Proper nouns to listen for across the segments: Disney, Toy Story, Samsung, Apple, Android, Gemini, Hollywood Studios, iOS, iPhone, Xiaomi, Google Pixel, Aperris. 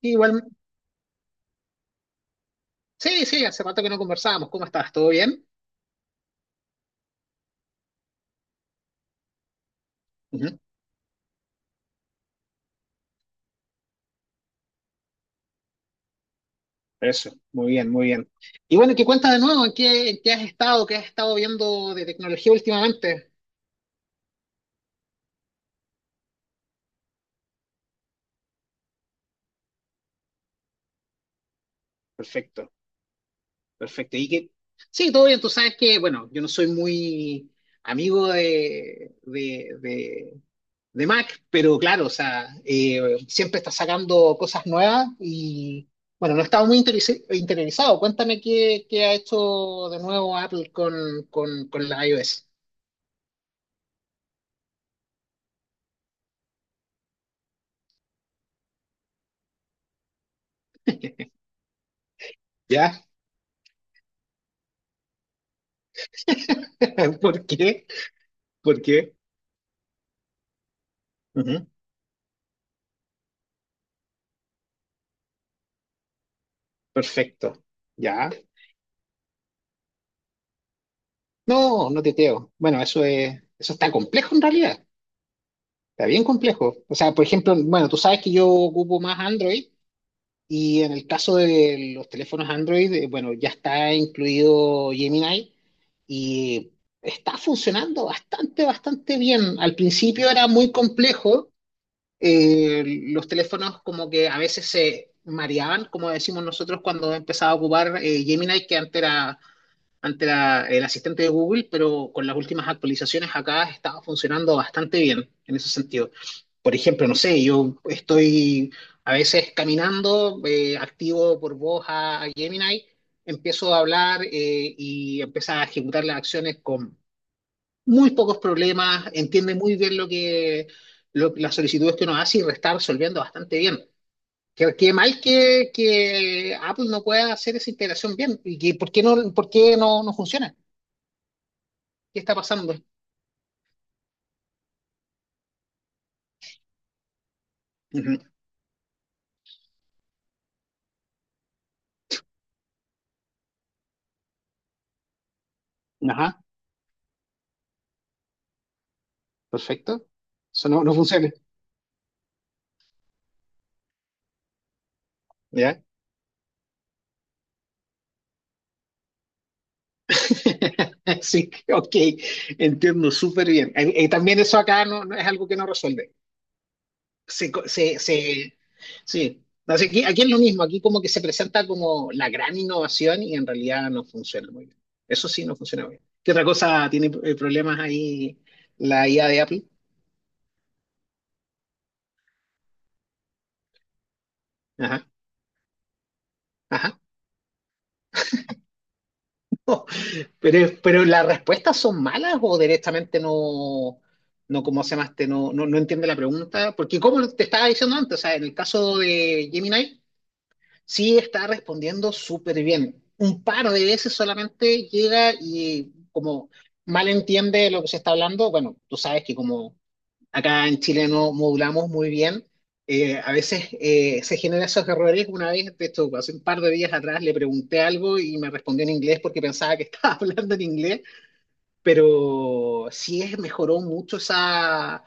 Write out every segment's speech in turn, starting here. Sí, igual, sí, sí, hace rato que no conversábamos. ¿Cómo estás? ¿Todo bien? Ujú. Eso, muy bien, muy bien. Y bueno, ¿qué cuentas de nuevo? ¿En qué has estado? ¿Qué has estado viendo de tecnología últimamente? Perfecto, perfecto. Y que, sí, todo bien. Tú sabes que, bueno, yo no soy muy amigo de Mac, pero claro, o sea, siempre está sacando cosas nuevas y, bueno, no estaba muy interiorizado. Cuéntame qué ha hecho de nuevo Apple con la iOS. ¿Ya? ¿Por qué? ¿Por qué? Ujú. Perfecto. ¿Ya? No, no te creo. Bueno, eso está complejo en realidad. Está bien complejo. O sea, por ejemplo, bueno, tú sabes que yo ocupo más Android y en el caso de los teléfonos Android, bueno, ya está incluido Gemini y está funcionando bastante bien. Al principio era muy complejo eh, los teléfonos como que a veces se mareaban, como decimos nosotros cuando empezaba a ocupar Gemini, antes era el asistente de Google, pero con las últimas actualizaciones acá estaba funcionando bastante bien en ese sentido. Por ejemplo, no sé, yo estoy a veces caminando, activo por voz a Gemini, empiezo a hablar y empieza a ejecutar las acciones con muy pocos problemas, entiende muy bien lo que las solicitudes que uno hace y lo está resolviendo bastante bien. Qué mal que Apple no pueda hacer esa integración bien y que por qué no, no funciona. ¿Qué está pasando? Ujú. Ajá, perfecto. Eso no, no funciona. ¿Ya? Sí, ok, entiendo súper bien. También eso acá no, no es algo que no resuelve. Se, co- se- Sí. No sé, aquí, aquí es lo mismo, aquí como que se presenta como la gran innovación y en realidad no funciona muy bien. Eso sí, no funciona muy bien. ¿Qué otra cosa tiene problemas ahí la IA de Apple? Ajá, ajá. Pero las respuestas son malas o directamente no, no ¿cómo se llama este? No, no, no entiende la pregunta. Porque como te estaba diciendo antes, o sea, en el caso de Gemini, sí, está respondiendo súper bien. Un par de veces solamente llega y como mal entiende lo que se está hablando. Bueno, tú sabes que como acá en Chile no modulamos muy bien, a veces se generan esos errores. Una vez, de hecho, hace un par de días atrás le pregunté algo y me respondió en inglés porque pensaba que estaba hablando en inglés, pero sí es, mejoró mucho esa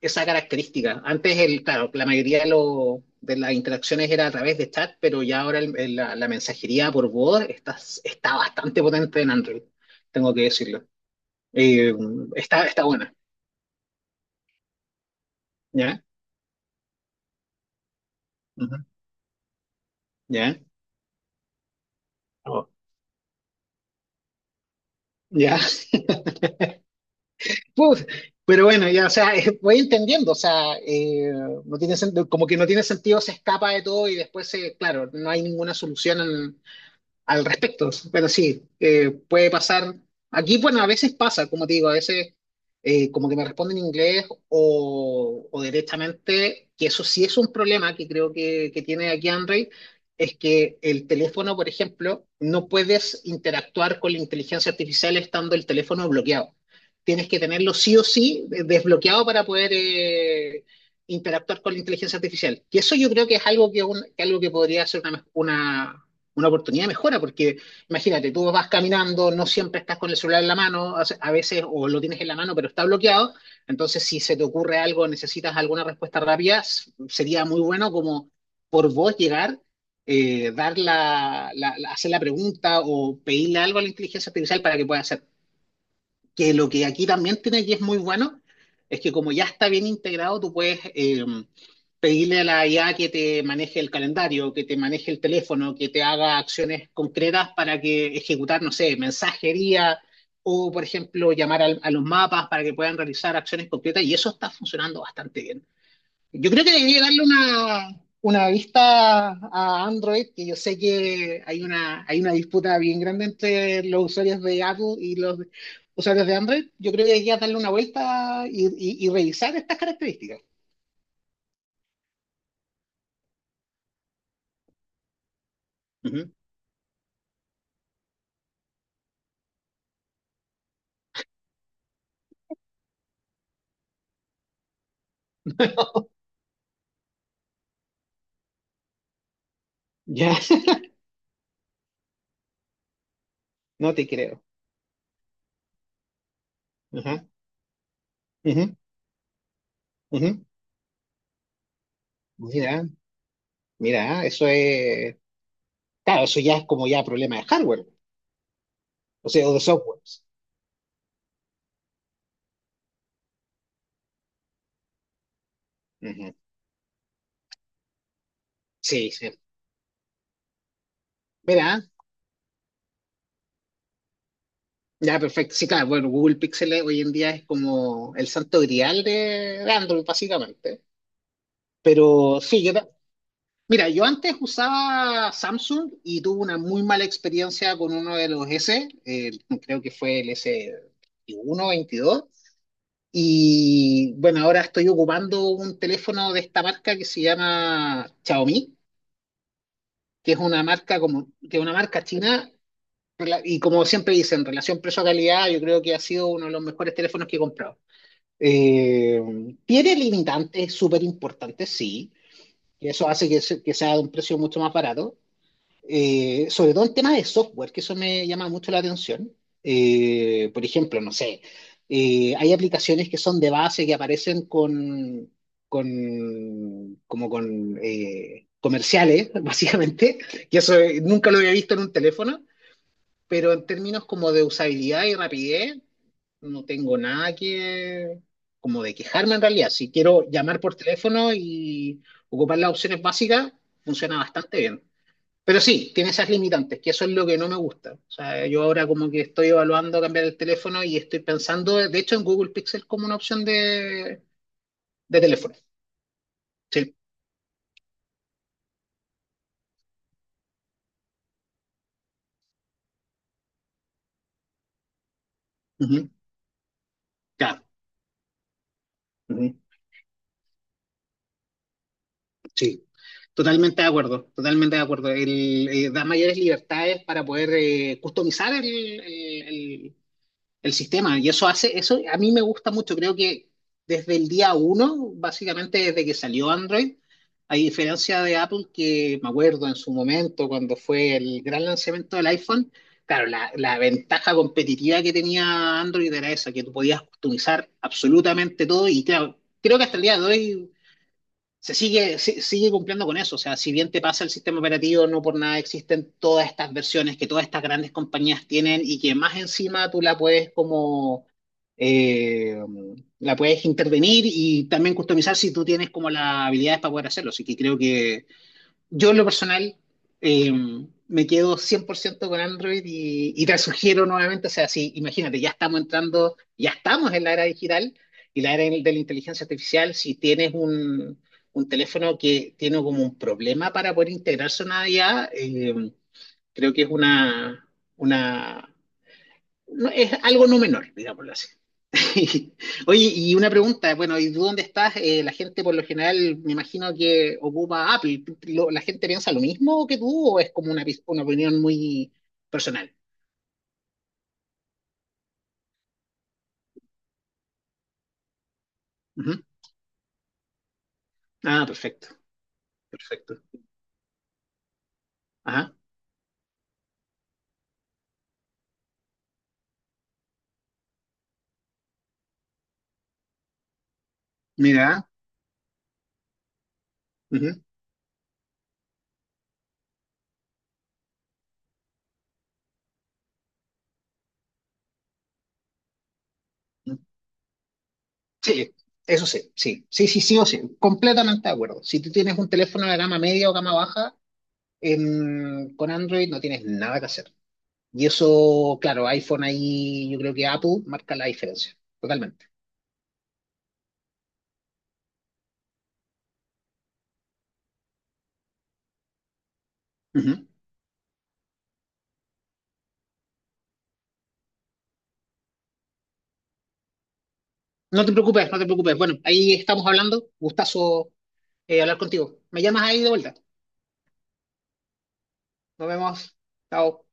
esa característica. Antes, el, claro, la mayoría de las interacciones era a través de chat, pero ya ahora la mensajería por voz está bastante potente en Android, tengo que decirlo. Eh, está, está buena. ¿Ya? Ujú. ¿Ya? Oh, ya. Puf, pero bueno, ya, o sea, voy entendiendo. O sea, no tiene como que no tiene sentido, se escapa de todo y claro, no hay ninguna solución al respecto. Pero sí, puede pasar. Aquí, bueno, a veces pasa, como te digo, a veces como que me responden en inglés o directamente, que eso sí es un problema que creo que tiene aquí Android, es que el teléfono, por ejemplo, no puedes interactuar con la inteligencia artificial estando el teléfono bloqueado. Tienes que tenerlo sí o sí desbloqueado para poder interactuar con la inteligencia artificial. Y eso yo creo que es algo que algo que podría ser una oportunidad de mejora, porque imagínate, tú vas caminando, no siempre estás con el celular en la mano, a veces o lo tienes en la mano pero está bloqueado, entonces si se te ocurre algo, necesitas alguna respuesta rápida, sería muy bueno como por vos llegar, dar la, la- la- hacer la pregunta o pedirle algo a la inteligencia artificial para que pueda hacer que lo que aquí también tiene y es muy bueno es que como ya está bien integrado, tú puedes pedirle a la IA que te maneje el calendario, que te maneje el teléfono, que te haga acciones concretas para que ejecutar, no sé, mensajería o, por ejemplo, llamar a los mapas para que puedan realizar acciones concretas y eso está funcionando bastante bien. Yo creo que debería darle una vista a Android, que yo sé que hay hay una disputa bien grande entre los usuarios de Apple y los usuarios de Android. Yo creo que debería darle una vuelta y revisar estas características. Ujú. Ya. No te creo. Ajá, ujú, ujú. Mira, mira, eso es, claro, eso ya es como ya problema de hardware, o sea, o de software. Ujú. Sí, sí. Mira, ya, perfecto. Sí, claro, bueno, Google Pixel hoy en día es como el santo grial de Android, básicamente. Pero sí, mira, yo antes usaba Samsung y tuve una muy mala experiencia con uno de los S, creo que fue el S21, 22. Y bueno, ahora estoy ocupando un teléfono de esta marca que se llama Xiaomi, que es una marca china. Y como siempre dicen, relación precio-calidad, yo creo que ha sido uno de los mejores teléfonos que he comprado. Eh, tiene limitantes súper importantes, sí, y eso hace que sea de un precio mucho más barato. Sobre todo en temas de software, que eso me llama mucho la atención. Por ejemplo, no sé, hay aplicaciones que son de base que aparecen con como con comerciales, básicamente, y eso nunca lo había visto en un teléfono, pero en términos como de usabilidad y rapidez, no tengo nada que, como de quejarme en realidad. Si quiero llamar por teléfono y ocupar las opciones básicas, funciona bastante bien. Pero sí, tiene esas limitantes, que eso es lo que no me gusta. O sea, yo ahora como que estoy evaluando cambiar el teléfono y estoy pensando, de hecho, en Google Pixel como una opción de teléfono. Sí, ujú. Claro. Ujú. Sí, totalmente de acuerdo, totalmente de acuerdo. El, da mayores libertades para poder customizar el sistema. Y eso hace, eso a mí me gusta mucho. Creo que desde el día uno, básicamente desde que salió Android, a diferencia de Apple, que me acuerdo en su momento cuando fue el gran lanzamiento del iPhone, claro, la ventaja competitiva que tenía Android era esa, que tú podías customizar absolutamente todo y claro, creo que hasta el día de hoy se sigue, si- sigue cumpliendo con eso. O sea, si bien te pasa el sistema operativo, no por nada existen todas estas versiones que todas estas grandes compañías tienen y que más encima tú la puedes como, eh, la puedes intervenir y también customizar si tú tienes como las habilidades para poder hacerlo. Así que creo que yo en lo personal eh, me quedo 100% con Android y te sugiero nuevamente. O sea, si imagínate, ya estamos entrando, ya estamos en la era digital y la era de la inteligencia artificial, si tienes un teléfono que tiene como un problema para poder integrarse a una IA, creo que es una es algo no menor, digámoslo así. Oye, y una pregunta, bueno, ¿y tú dónde estás? La gente por lo general, me imagino que ocupa Apple. ¿La gente piensa lo mismo que tú o es como una opinión muy personal? Ujú. Ah, perfecto, perfecto. Ajá, mira. Ujú. Sí, eso sí, sí, sí, sí, sí o sí, completamente de acuerdo. Si tú tienes un teléfono de gama media o gama baja, em, con Android no tienes nada que hacer. Y eso, claro, iPhone ahí, yo creo que Apple marca la diferencia, totalmente. Ujú. No te preocupes, no te preocupes. Bueno, ahí estamos hablando. Gustazo hablar contigo. Me llamas ahí de vuelta. Nos vemos. Chao.